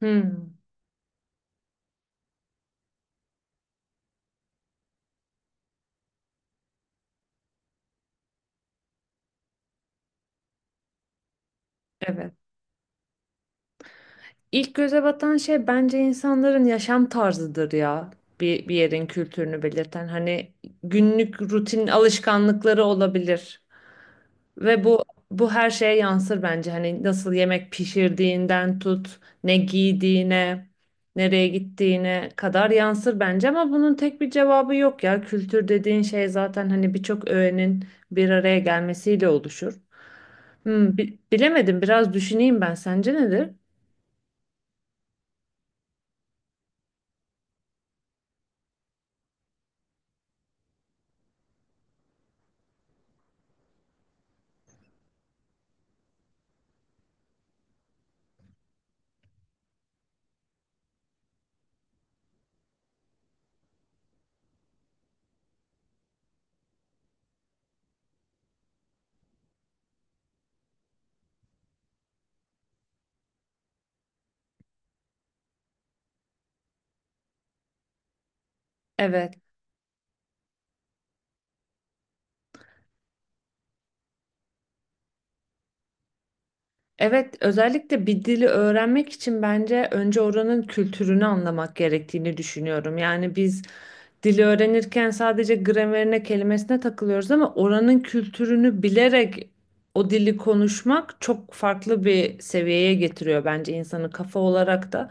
Hmm, evet. İlk göze batan şey bence insanların yaşam tarzıdır ya. Bir yerin kültürünü belirten hani günlük rutin alışkanlıkları olabilir ve bu her şeye yansır bence. Hani nasıl yemek pişirdiğinden tut, ne giydiğine, nereye gittiğine kadar yansır bence ama bunun tek bir cevabı yok ya. Kültür dediğin şey zaten hani birçok öğenin bir araya gelmesiyle oluşur. Hmm, bilemedim, biraz düşüneyim ben. Sence nedir? Evet. Evet, özellikle bir dili öğrenmek için bence önce oranın kültürünü anlamak gerektiğini düşünüyorum. Yani biz dili öğrenirken sadece gramerine, kelimesine takılıyoruz ama oranın kültürünü bilerek o dili konuşmak çok farklı bir seviyeye getiriyor bence insanı kafa olarak da.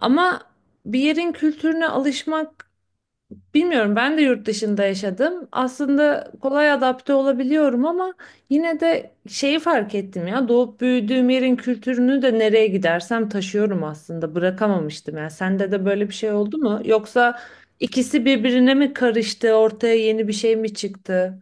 Ama bir yerin kültürüne alışmak, bilmiyorum, ben de yurt dışında yaşadım. Aslında kolay adapte olabiliyorum ama yine de şeyi fark ettim ya, doğup büyüdüğüm yerin kültürünü de nereye gidersem taşıyorum aslında, bırakamamıştım ya. Sende de böyle bir şey oldu mu? Yoksa ikisi birbirine mi karıştı, ortaya yeni bir şey mi çıktı?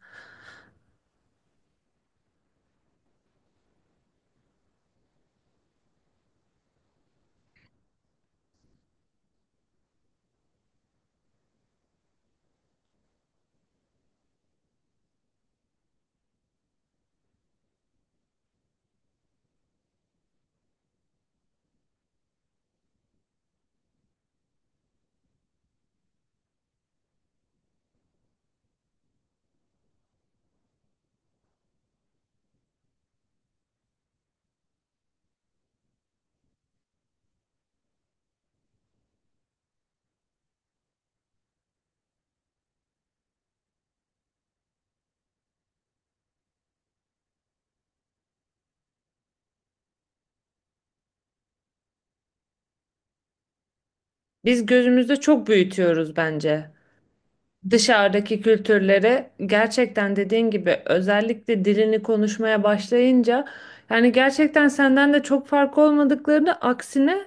Biz gözümüzde çok büyütüyoruz bence. Dışarıdaki kültürlere gerçekten dediğin gibi özellikle dilini konuşmaya başlayınca yani gerçekten senden de çok fark olmadıklarını, aksine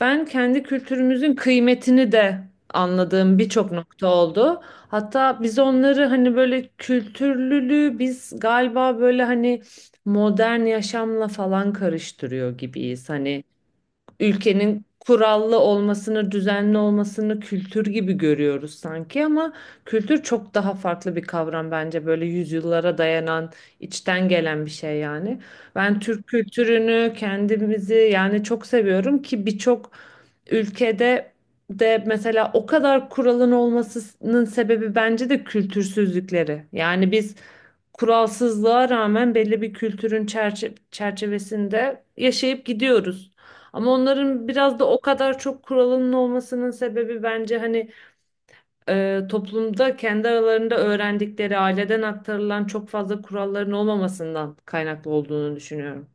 ben kendi kültürümüzün kıymetini de anladığım birçok nokta oldu. Hatta biz onları hani böyle kültürlülüğü biz galiba böyle hani modern yaşamla falan karıştırıyor gibiyiz. Hani ülkenin kurallı olmasını, düzenli olmasını kültür gibi görüyoruz sanki ama kültür çok daha farklı bir kavram bence, böyle yüzyıllara dayanan, içten gelen bir şey yani. Ben Türk kültürünü, kendimizi yani çok seviyorum ki birçok ülkede de mesela o kadar kuralın olmasının sebebi bence de kültürsüzlükleri. Yani biz kuralsızlığa rağmen belli bir kültürün çerçevesinde yaşayıp gidiyoruz. Ama onların biraz da o kadar çok kuralının olmasının sebebi bence hani toplumda kendi aralarında öğrendikleri, aileden aktarılan çok fazla kuralların olmamasından kaynaklı olduğunu düşünüyorum.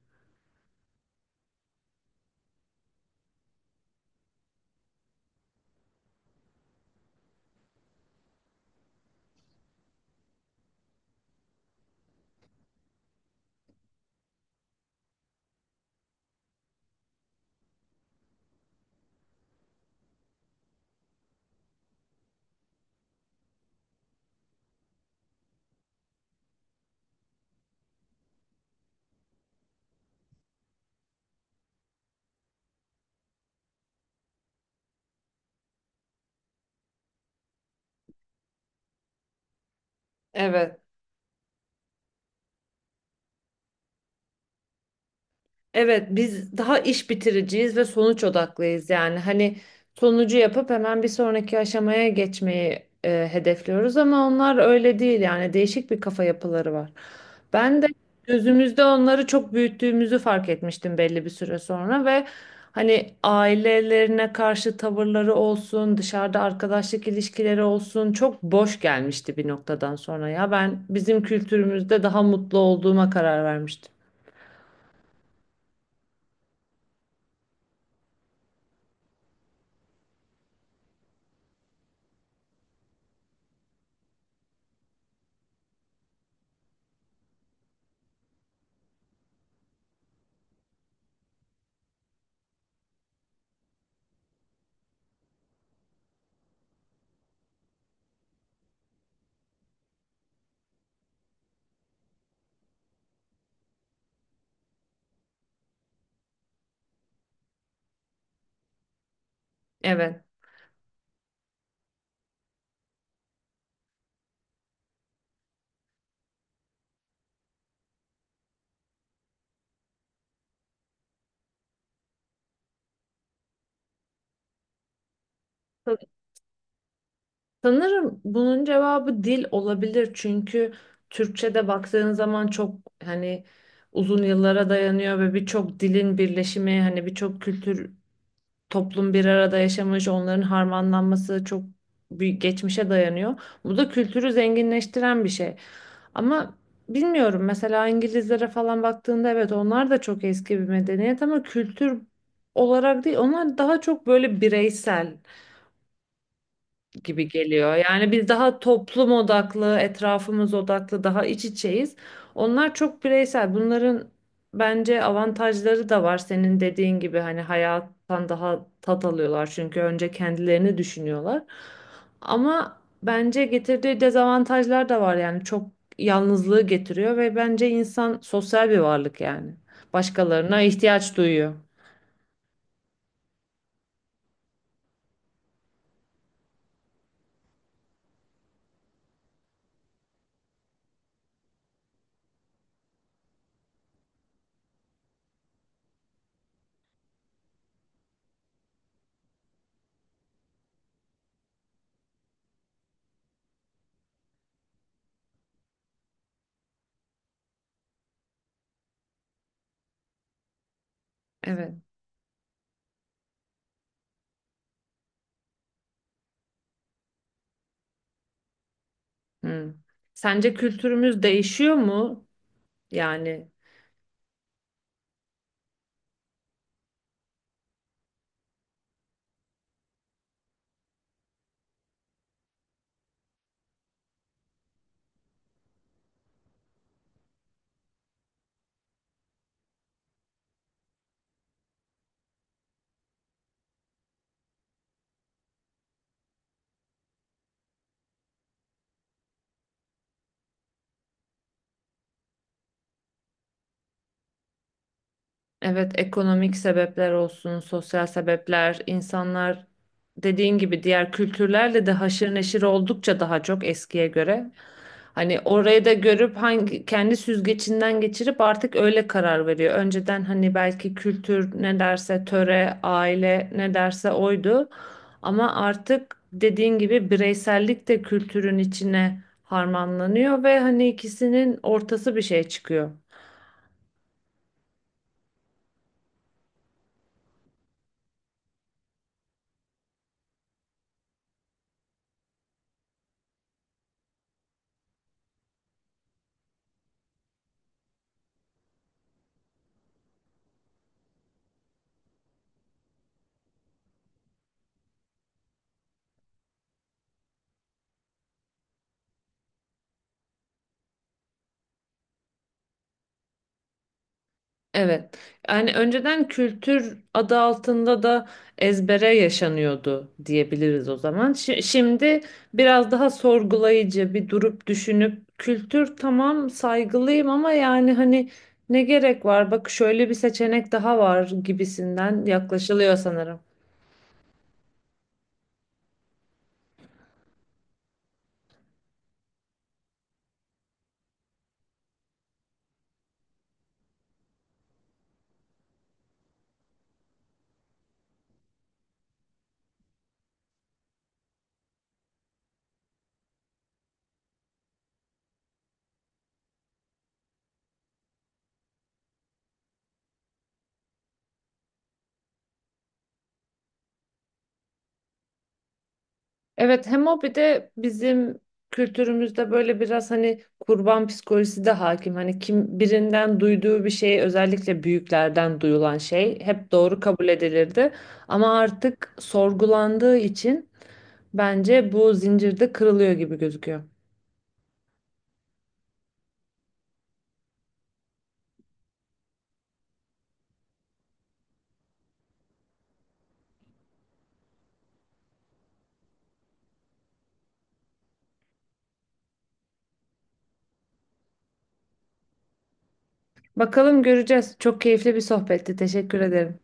Evet. Evet, biz daha iş bitiriciyiz ve sonuç odaklıyız yani. Hani sonucu yapıp hemen bir sonraki aşamaya geçmeyi hedefliyoruz ama onlar öyle değil yani, değişik bir kafa yapıları var. Ben de gözümüzde onları çok büyüttüğümüzü fark etmiştim belli bir süre sonra ve hani ailelerine karşı tavırları olsun, dışarıda arkadaşlık ilişkileri olsun çok boş gelmişti bir noktadan sonra ya. Ben bizim kültürümüzde daha mutlu olduğuma karar vermiştim. Evet. Sanırım bunun cevabı dil olabilir, çünkü Türkçe'de baktığın zaman çok hani uzun yıllara dayanıyor ve birçok dilin birleşimi, hani birçok kültür, toplum bir arada yaşamış, onların harmanlanması çok büyük geçmişe dayanıyor. Bu da kültürü zenginleştiren bir şey. Ama bilmiyorum, mesela İngilizlere falan baktığında evet onlar da çok eski bir medeniyet ama kültür olarak değil, onlar daha çok böyle bireysel gibi geliyor. Yani biz daha toplum odaklı, etrafımız odaklı, daha iç içeyiz. Onlar çok bireysel. Bunların bence avantajları da var. Senin dediğin gibi hani hayattan daha tat alıyorlar çünkü önce kendilerini düşünüyorlar. Ama bence getirdiği dezavantajlar da var yani, çok yalnızlığı getiriyor ve bence insan sosyal bir varlık yani. Başkalarına ihtiyaç duyuyor. Evet. Hmm. Sence kültürümüz değişiyor mu? Yani evet, ekonomik sebepler olsun, sosyal sebepler, insanlar dediğin gibi diğer kültürlerle de haşır neşir oldukça daha çok eskiye göre. Hani orayı da görüp hangi kendi süzgecinden geçirip artık öyle karar veriyor. Önceden hani belki kültür ne derse, töre, aile ne derse oydu. Ama artık dediğin gibi bireysellik de kültürün içine harmanlanıyor ve hani ikisinin ortası bir şey çıkıyor. Evet. Yani önceden kültür adı altında da ezbere yaşanıyordu diyebiliriz o zaman. Şimdi biraz daha sorgulayıcı, bir durup düşünüp kültür tamam, saygılıyım ama yani hani ne gerek var? Bak, şöyle bir seçenek daha var gibisinden yaklaşılıyor sanırım. Evet, hem o bir de bizim kültürümüzde böyle biraz hani kurban psikolojisi de hakim. Hani kim birinden duyduğu bir şey, özellikle büyüklerden duyulan şey hep doğru kabul edilirdi. Ama artık sorgulandığı için bence bu zincirde kırılıyor gibi gözüküyor. Bakalım, göreceğiz. Çok keyifli bir sohbetti. Teşekkür ederim.